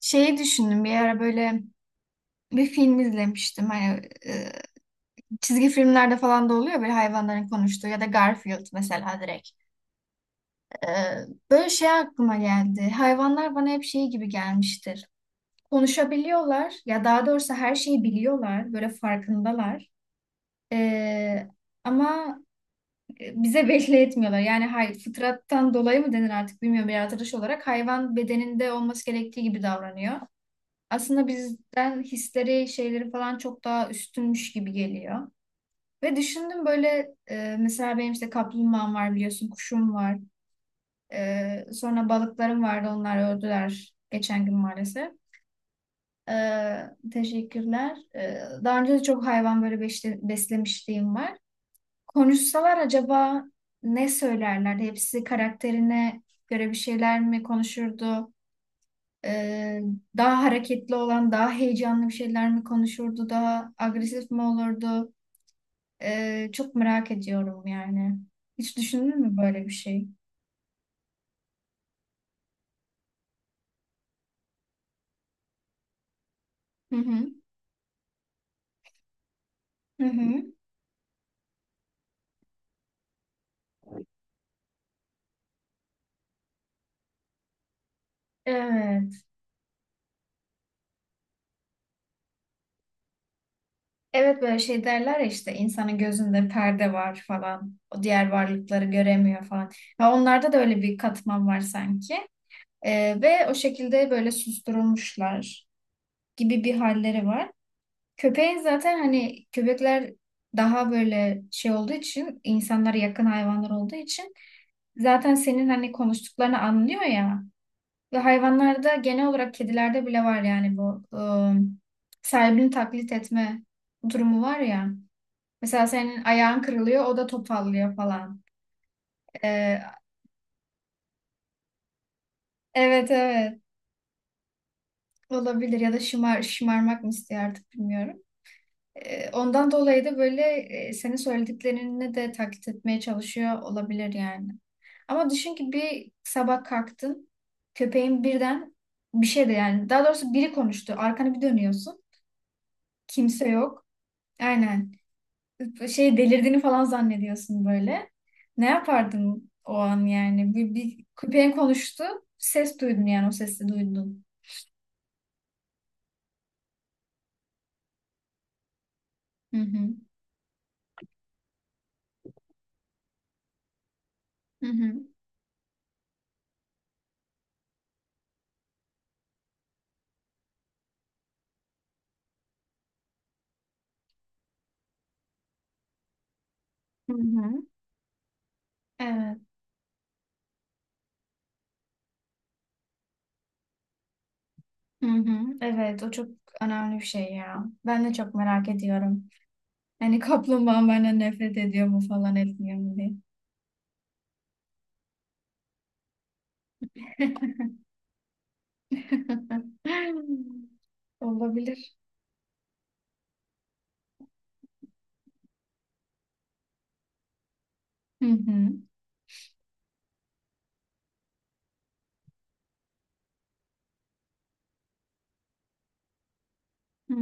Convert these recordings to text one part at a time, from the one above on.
Şeyi düşündüm bir ara böyle bir film izlemiştim. Hani çizgi filmlerde falan da oluyor böyle hayvanların konuştuğu ya da Garfield mesela direkt. E, böyle şey aklıma geldi. Hayvanlar bana hep şey gibi gelmiştir. Konuşabiliyorlar ya daha doğrusu her şeyi biliyorlar. Böyle farkındalar. E, ama bize belli etmiyorlar. Yani fıtrattan dolayı mı denir artık bilmiyorum. Bir yaratılış olarak hayvan bedeninde olması gerektiği gibi davranıyor. Aslında bizden hisleri, şeyleri falan çok daha üstünmüş gibi geliyor. Ve düşündüm böyle mesela benim işte kaplumbağam var biliyorsun, kuşum var. Sonra balıklarım vardı, onlar öldüler geçen gün maalesef. E, teşekkürler. Daha önce de çok hayvan böyle beslemişliğim var. Konuşsalar acaba ne söylerlerdi? Hepsi karakterine göre bir şeyler mi konuşurdu? Ee, daha hareketli olan, daha heyecanlı bir şeyler mi konuşurdu, daha agresif mi olurdu? Çok merak ediyorum yani. Hiç düşündün mü böyle bir şey? Hı hı. Hı hı. Evet. Evet böyle şey derler ya işte insanın gözünde perde var falan. O diğer varlıkları göremiyor falan. Ve onlarda da öyle bir katman var sanki. Ve o şekilde böyle susturulmuşlar gibi bir halleri var. Köpeğin zaten hani köpekler daha böyle şey olduğu için insanlara yakın hayvanlar olduğu için zaten senin hani konuştuklarını anlıyor ya ve hayvanlarda genel olarak kedilerde bile var yani bu sahibini taklit etme durumu var ya. Mesela senin ayağın kırılıyor o da topallıyor falan. Ee, evet evet olabilir ya da şımarmak mı istiyor artık bilmiyorum. Ondan dolayı da böyle senin söylediklerini de taklit etmeye çalışıyor olabilir yani. Ama düşün ki bir sabah kalktın, köpeğin birden bir şey de yani daha doğrusu biri konuştu. Arkana bir dönüyorsun, kimse yok. Aynen. Şey delirdiğini falan zannediyorsun böyle. Ne yapardın o an yani? Bir köpeğin konuştu, ses duydun yani o sesi duydun. Hı hı. Hı hı. Hı hı. Evet. Hı hı, evet o çok önemli bir şey ya. Ben de çok merak ediyorum. Hani kaplumbağam benden nefret ediyor mu falan etmiyor mu diye. Olabilir. Hı hı. Hı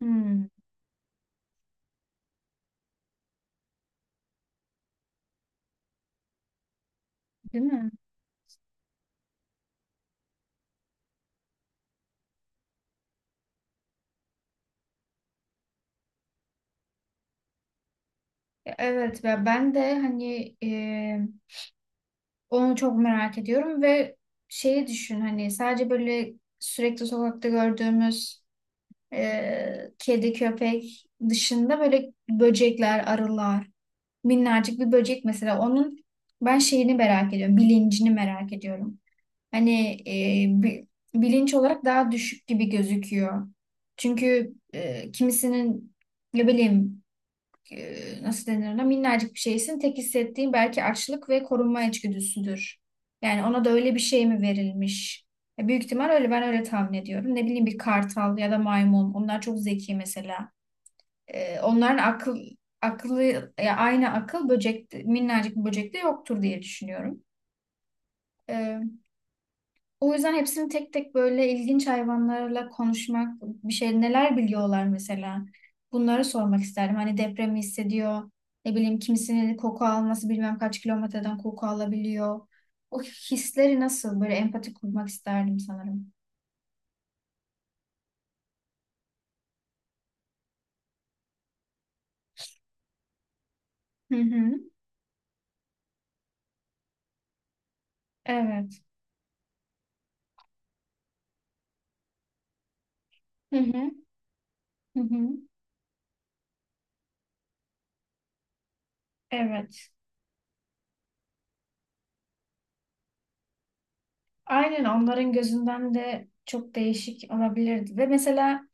hı. Değil mi? Ya evet ve ben de hani onu çok merak ediyorum ve şeyi düşün hani sadece böyle sürekli sokakta gördüğümüz kedi köpek dışında böyle böcekler, arılar minnacık bir böcek mesela onun ben şeyini merak ediyorum, bilincini merak ediyorum. Hani bi- bilinç olarak daha düşük gibi gözüküyor. Çünkü kimisinin ne bileyim e, nasıl denir ona minnacık bir şeysin tek hissettiğin belki açlık ve korunma içgüdüsüdür. Yani ona da öyle bir şey mi verilmiş? Ya büyük ihtimal öyle ben öyle tahmin ediyorum. Ne bileyim bir kartal ya da maymun onlar çok zeki mesela onların akıllı ya aynı akıl böcek minnacık bir böcekte yoktur diye düşünüyorum. E, o yüzden hepsini tek tek böyle ilginç hayvanlarla konuşmak, bir şey neler biliyorlar mesela. Bunları sormak isterdim. Hani depremi hissediyor. Ne bileyim kimisinin koku alması bilmem kaç kilometreden koku alabiliyor. O hisleri nasıl böyle empati kurmak isterdim sanırım. Hı hı. Evet. Hı hı. Hı hı. Evet. Aynen onların gözünden de çok değişik olabilirdi. Ve mesela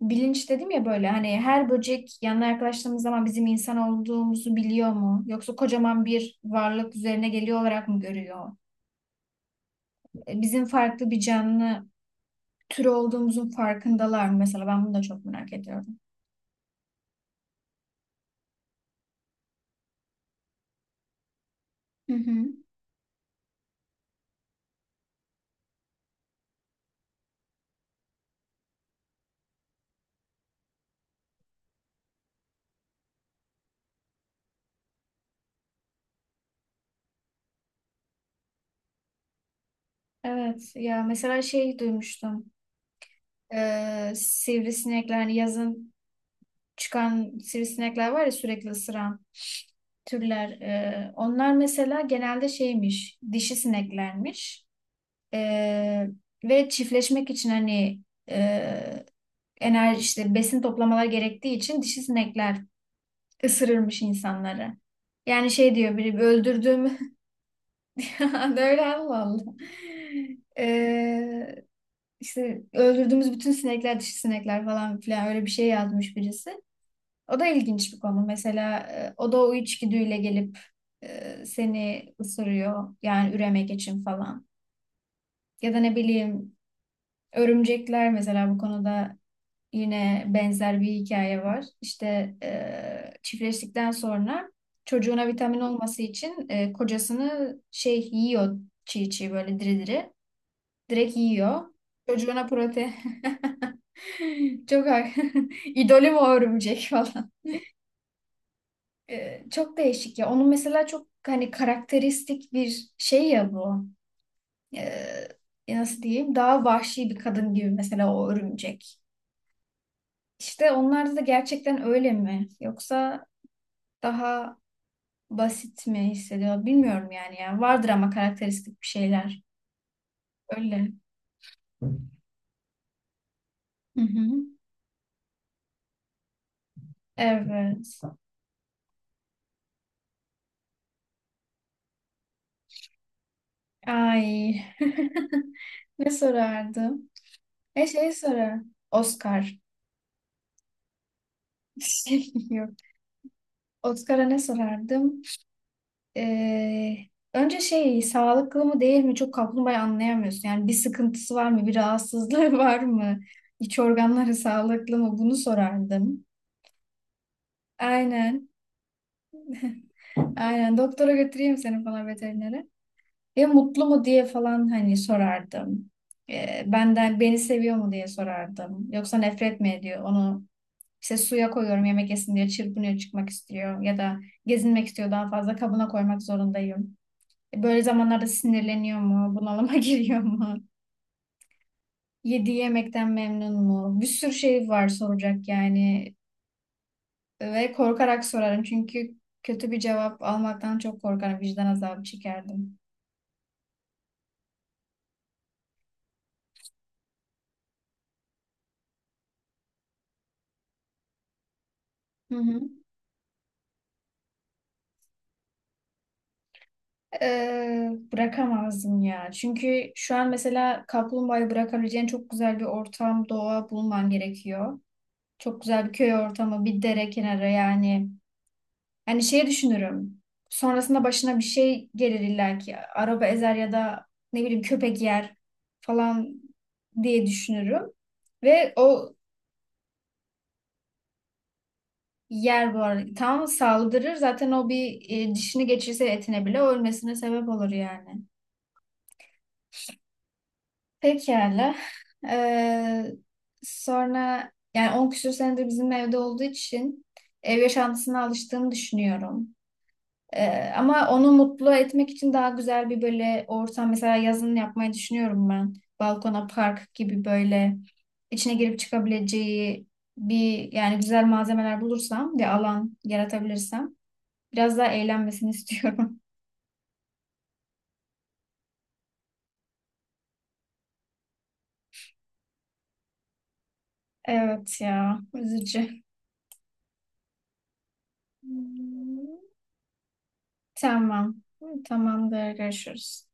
bilinç dedim ya böyle hani her böcek yanına yaklaştığımız zaman bizim insan olduğumuzu biliyor mu? Yoksa kocaman bir varlık üzerine geliyor olarak mı görüyor? Bizim farklı bir canlı türü olduğumuzun farkındalar mı? Mesela ben bunu da çok merak ediyorum. Hı hı. Evet ya mesela şey duymuştum. Sivrisinekler hani yazın çıkan sivrisinekler var ya sürekli ısıran türler. Onlar mesela genelde şeymiş, dişi sineklermiş. E, ve çiftleşmek için hani e, enerji işte besin toplamalar gerektiği için dişi sinekler ısırırmış insanları. Yani şey diyor biri öldürdüğüm böyle Allah Allah. Ee, işte öldürdüğümüz bütün sinekler dişi sinekler falan filan öyle bir şey yazmış birisi. O da ilginç bir konu. Mesela o da o içgüdüyle gelip seni ısırıyor. Yani üremek için falan. Ya da ne bileyim örümcekler mesela bu konuda yine benzer bir hikaye var. İşte çiftleştikten sonra çocuğuna vitamin olması için kocasını şey yiyor çiğ çiğ böyle diri diri. Direkt yiyor. Çocuğuna protein. Çok idolüm o örümcek. Çok değişik ya. Onun mesela çok hani karakteristik bir şey ya bu. Ee, nasıl diyeyim? Daha vahşi bir kadın gibi mesela o örümcek. İşte onlarda da gerçekten öyle mi? Yoksa daha basit mi hissediyor? Bilmiyorum yani ya. Vardır ama karakteristik bir şeyler. Öyle. Hı hı. Evet. Ay ne sorardım? Ne şey sorar? Oscar. Yok. Oscar'a ne sorardım? Ee, önce şey sağlıklı mı değil mi çok kaplumbağayı anlayamıyorsun. Yani bir sıkıntısı var mı, bir rahatsızlığı var mı, iç organları sağlıklı mı bunu sorardım. Aynen, aynen doktora götüreyim seni falan veterinere. Ya mutlu mu diye falan hani sorardım. Benden beni seviyor mu diye sorardım. Yoksa nefret mi ediyor? Onu işte suya koyuyorum yemek yesin diye çırpınıyor çıkmak istiyor. Ya da gezinmek istiyor daha fazla kabına koymak zorundayım. Böyle zamanlarda sinirleniyor mu? Bunalıma giriyor mu? Yediği yemekten memnun mu? Bir sürü şey var soracak yani. Ve korkarak sorarım çünkü kötü bir cevap almaktan çok korkarım. Vicdan azabı çekerdim. Hı hı. Bırakamazdım ya. Çünkü şu an mesela kaplumbağayı bırakabileceğin çok güzel bir ortam, doğa bulman gerekiyor. Çok güzel bir köy ortamı, bir dere kenarı yani. Yani şey düşünürüm. Sonrasında başına bir şey gelir illa ki. Araba ezer ya da ne bileyim köpek yer falan diye düşünürüm. Ve o yer bu arada tam saldırır. Zaten o bir dişini geçirse etine bile ölmesine sebep olur yani. Pekala. Ee, sonra yani 10 küsur senedir bizim evde olduğu için ev yaşantısına alıştığımı düşünüyorum. Ama onu mutlu etmek için daha güzel bir böyle ortam mesela yazın yapmayı düşünüyorum ben. Balkona park gibi böyle içine girip çıkabileceği bir yani güzel malzemeler bulursam ve alan yaratabilirsem biraz daha eğlenmesini istiyorum. Evet ya üzücü. Tamam. Tamamdır görüşürüz.